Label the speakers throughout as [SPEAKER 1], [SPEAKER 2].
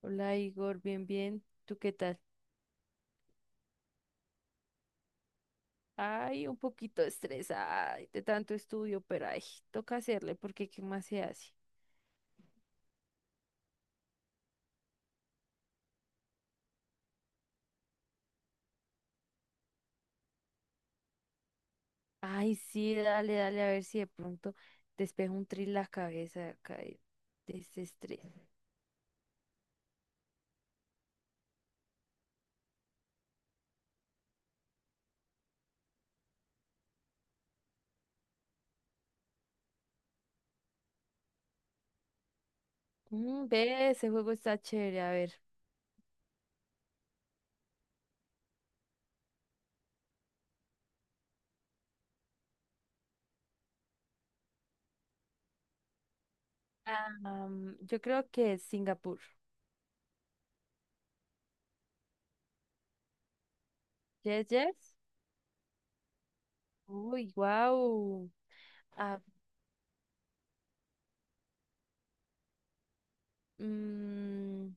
[SPEAKER 1] Hola Igor, bien, bien. ¿Tú qué tal? Ay, un poquito estresada de tanto estudio, pero ay, toca hacerle porque ¿qué más se hace? Ay, sí, dale, dale, a ver si de pronto despejo un tris la cabeza acá de ese estrés. Mm, ve, ese juego está chévere, a ver. Yo creo que es Singapur. Yes, yes. Uy, wow. Ah, mm,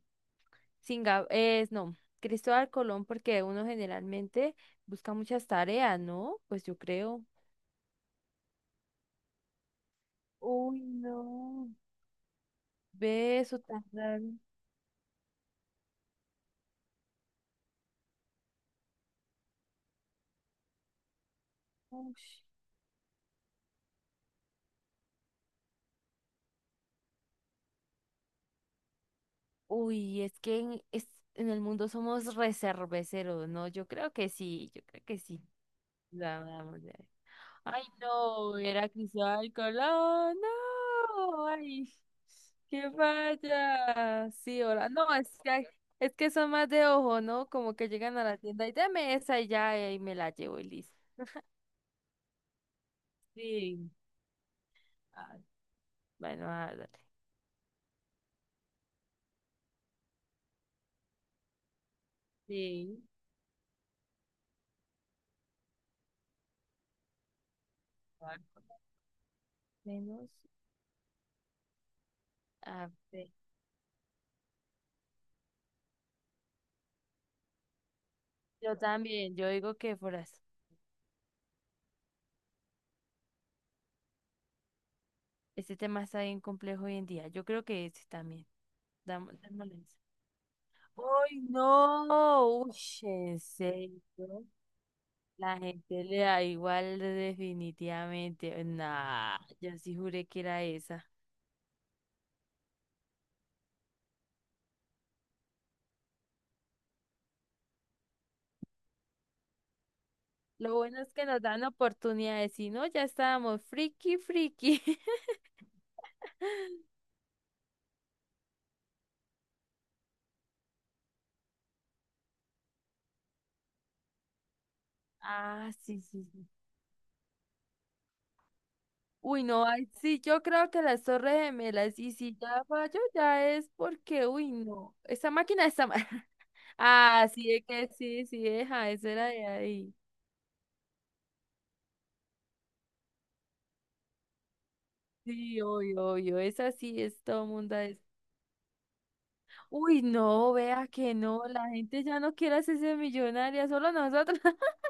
[SPEAKER 1] Singa, es no, Cristóbal Colón, porque uno generalmente busca muchas tareas, ¿no? Pues yo creo. Uy, no. Ve eso tan raro. Ush. Uy, es que en el mundo somos reserveceros, ¿no? Yo creo que sí, yo creo que sí. La vamos a ver. Ay, no, era Cristóbal Colón, no, ay. Que vaya. Sí, ahora. No, es que hay, es que son más de ojo, ¿no? Como que llegan a la tienda y dame esa y ya, y ahí me la llevo y listo. Sí, ah, bueno, a ver, sí. Ah, menos. A ver. Yo también, yo digo que por eso. Este tema está bien complejo hoy en día. Yo creo que este también. Dámosle esa. ¡Ay, no! Uy, ¿en serio? La gente le da igual definitivamente. Nah, yo sí juré que era esa. Lo bueno es que nos dan oportunidad de decir, no, ya estábamos friki, friki. Ah, sí, sí, sí. Uy, no, ay, sí, yo creo que las Torres Gemelas, y si ya falló, ya es porque, uy, no, esa máquina está mal. Ah, sí, es que sí, sí, deja, esa era de ahí. Sí, obvio, obvio, esa sí es todo mundo. Uy, no, vea que no, la gente ya no quiere hacerse millonaria, solo nosotros.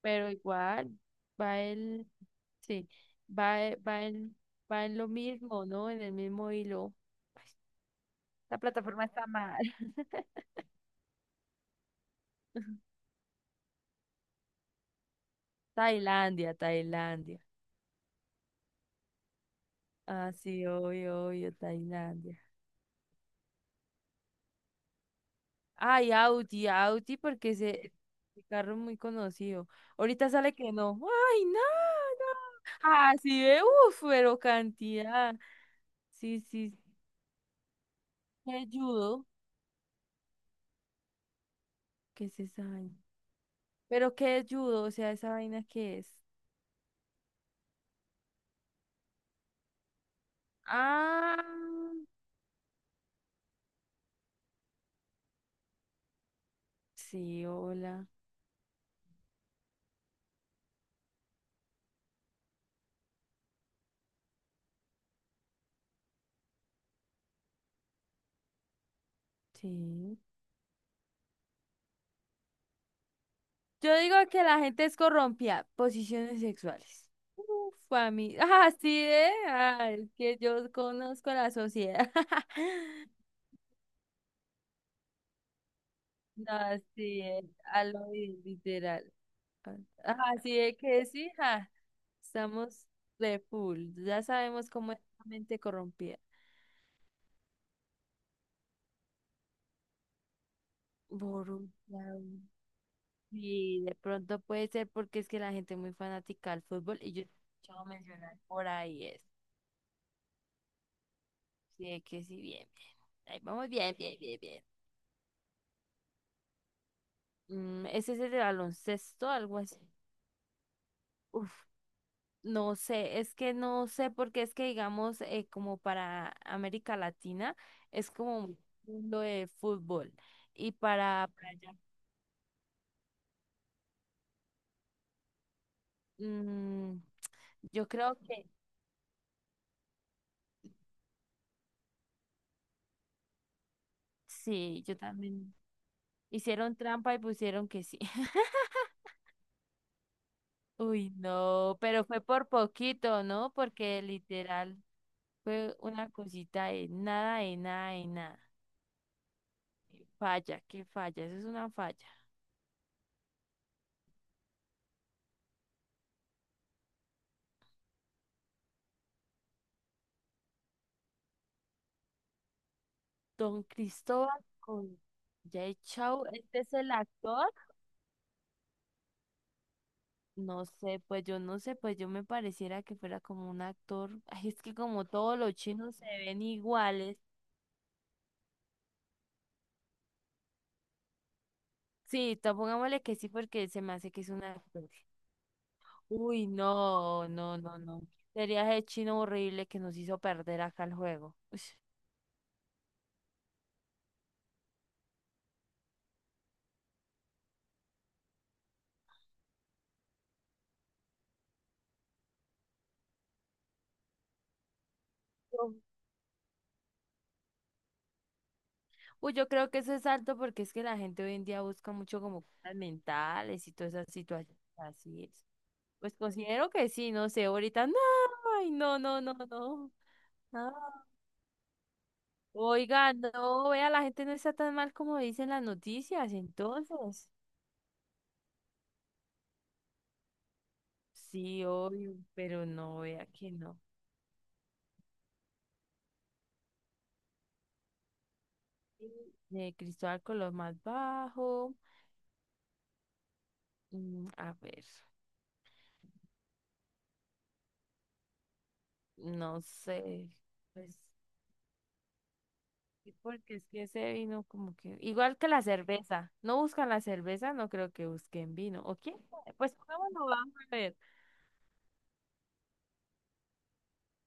[SPEAKER 1] Pero igual, va el, sí, va el, va en lo mismo, ¿no? En el mismo hilo. La plataforma está mal. Tailandia, Tailandia. Ah, sí, obvio, obvio, Tailandia. Ay, Audi, Audi, porque ese carro es muy conocido. Ahorita sale que no. Ay, no. Así sí, uff, pero cantidad. Sí, sí, sí, ayudo. ¿Qué es esa vaina? ¿Pero qué es judo? O sea, ¿esa vaina qué es? Ah, sí, hola. Sí. Yo digo que la gente es corrompida. Posiciones sexuales. Uf, a mí. Así es. Es que yo conozco la sociedad. No, así es. A lo literal. Así es que sí, ja, estamos de full. Ya sabemos cómo es la mente corrompida. Borrón, y de pronto puede ser porque es que la gente es muy fanática al fútbol y yo he escuchado mencionar por ahí es. Sí, es que sí, bien, bien. Ahí vamos bien, bien, bien, bien. Mm, ese es el de baloncesto, algo así. Uf, no sé, es que no sé porque es que digamos como para América Latina es como un mundo de fútbol y para allá, mm, yo creo que sí, yo también hicieron trampa y pusieron que sí. Uy, no, pero fue por poquito, ¿no? Porque literal fue una cosita de nada, de nada, de nada. Qué falla, qué falla, eso es una falla. Don Cristóbal con Jay Chou, ¿este es el actor? No sé, pues yo no sé, pues yo me pareciera que fuera como un actor. Ay, es que como todos los chinos se ven iguales. Sí, pongámosle que sí, porque se me hace que es un actor. Uy, no, no, no, no. Sería el chino horrible que nos hizo perder acá el juego. Ush. Yo- Uy, yo creo que eso es alto porque es que la gente hoy en día busca mucho como cosas mentales y todas esas situaciones así es. Pues considero que sí, no sé, ahorita no, ay, no, no, no, no, no. Oiga, no, vea, la gente no está tan mal como dicen las noticias, entonces. Sí, obvio, pero no, vea que no. De Cristóbal con los más bajo. Mm, a ver. No sé, pues sí, porque es que ese vino como que, igual que la cerveza, no buscan la cerveza, no creo que busquen vino, ¿o quién sabe? Pues pongámoslo, vamos a ver.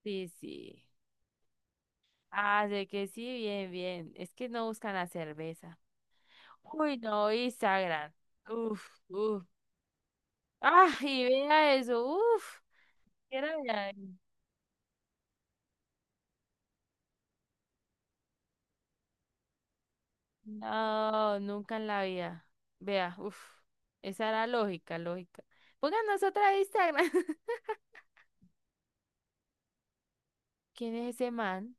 [SPEAKER 1] Sí, sí. Ah, de que sí, bien, bien. Es que no buscan la cerveza. Uy, no, Instagram. Uf, uf. Ah, y vea eso, uf. Quiero ver. No, nunca en la vida. Vea, uf. Esa era lógica, lógica. Pónganos otra de Instagram. ¿Quién es ese man?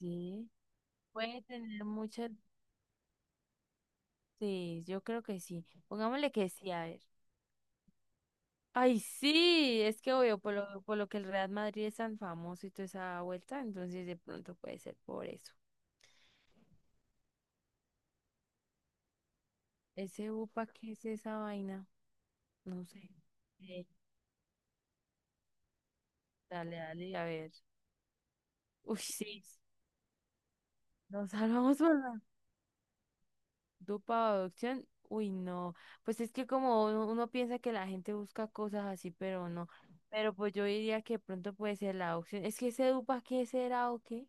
[SPEAKER 1] Sí. Puede tener muchas, sí, yo creo que sí. Pongámosle que sí, a ver. Ay, sí, es que obvio, por lo que el Real Madrid es tan famoso y toda esa vuelta, entonces de pronto puede ser por eso. Ese UPA, ¿qué es esa vaina? No sé. Eh, dale, dale, a ver. Uy, sí, nos salvamos por Dupa o adopción, uy, no. Pues es que como uno piensa que la gente busca cosas así, pero no. Pero pues yo diría que de pronto puede ser la adopción. Es que ese Dupa, ¿qué será o qué?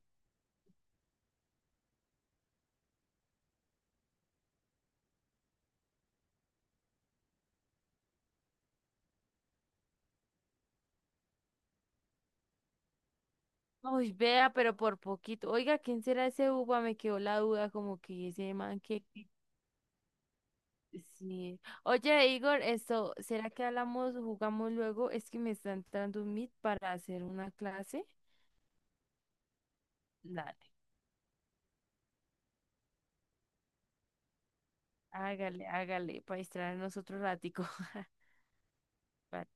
[SPEAKER 1] Uy, vea, pero por poquito. Oiga, ¿quién será ese Dupa? Me quedó la duda, como que ese man Sí. Oye, Igor, esto, ¿será que hablamos, jugamos luego? Es que me está entrando un Meet para hacer una clase. Dale, hágale, hágale, para distraernos otro ratico. Vale.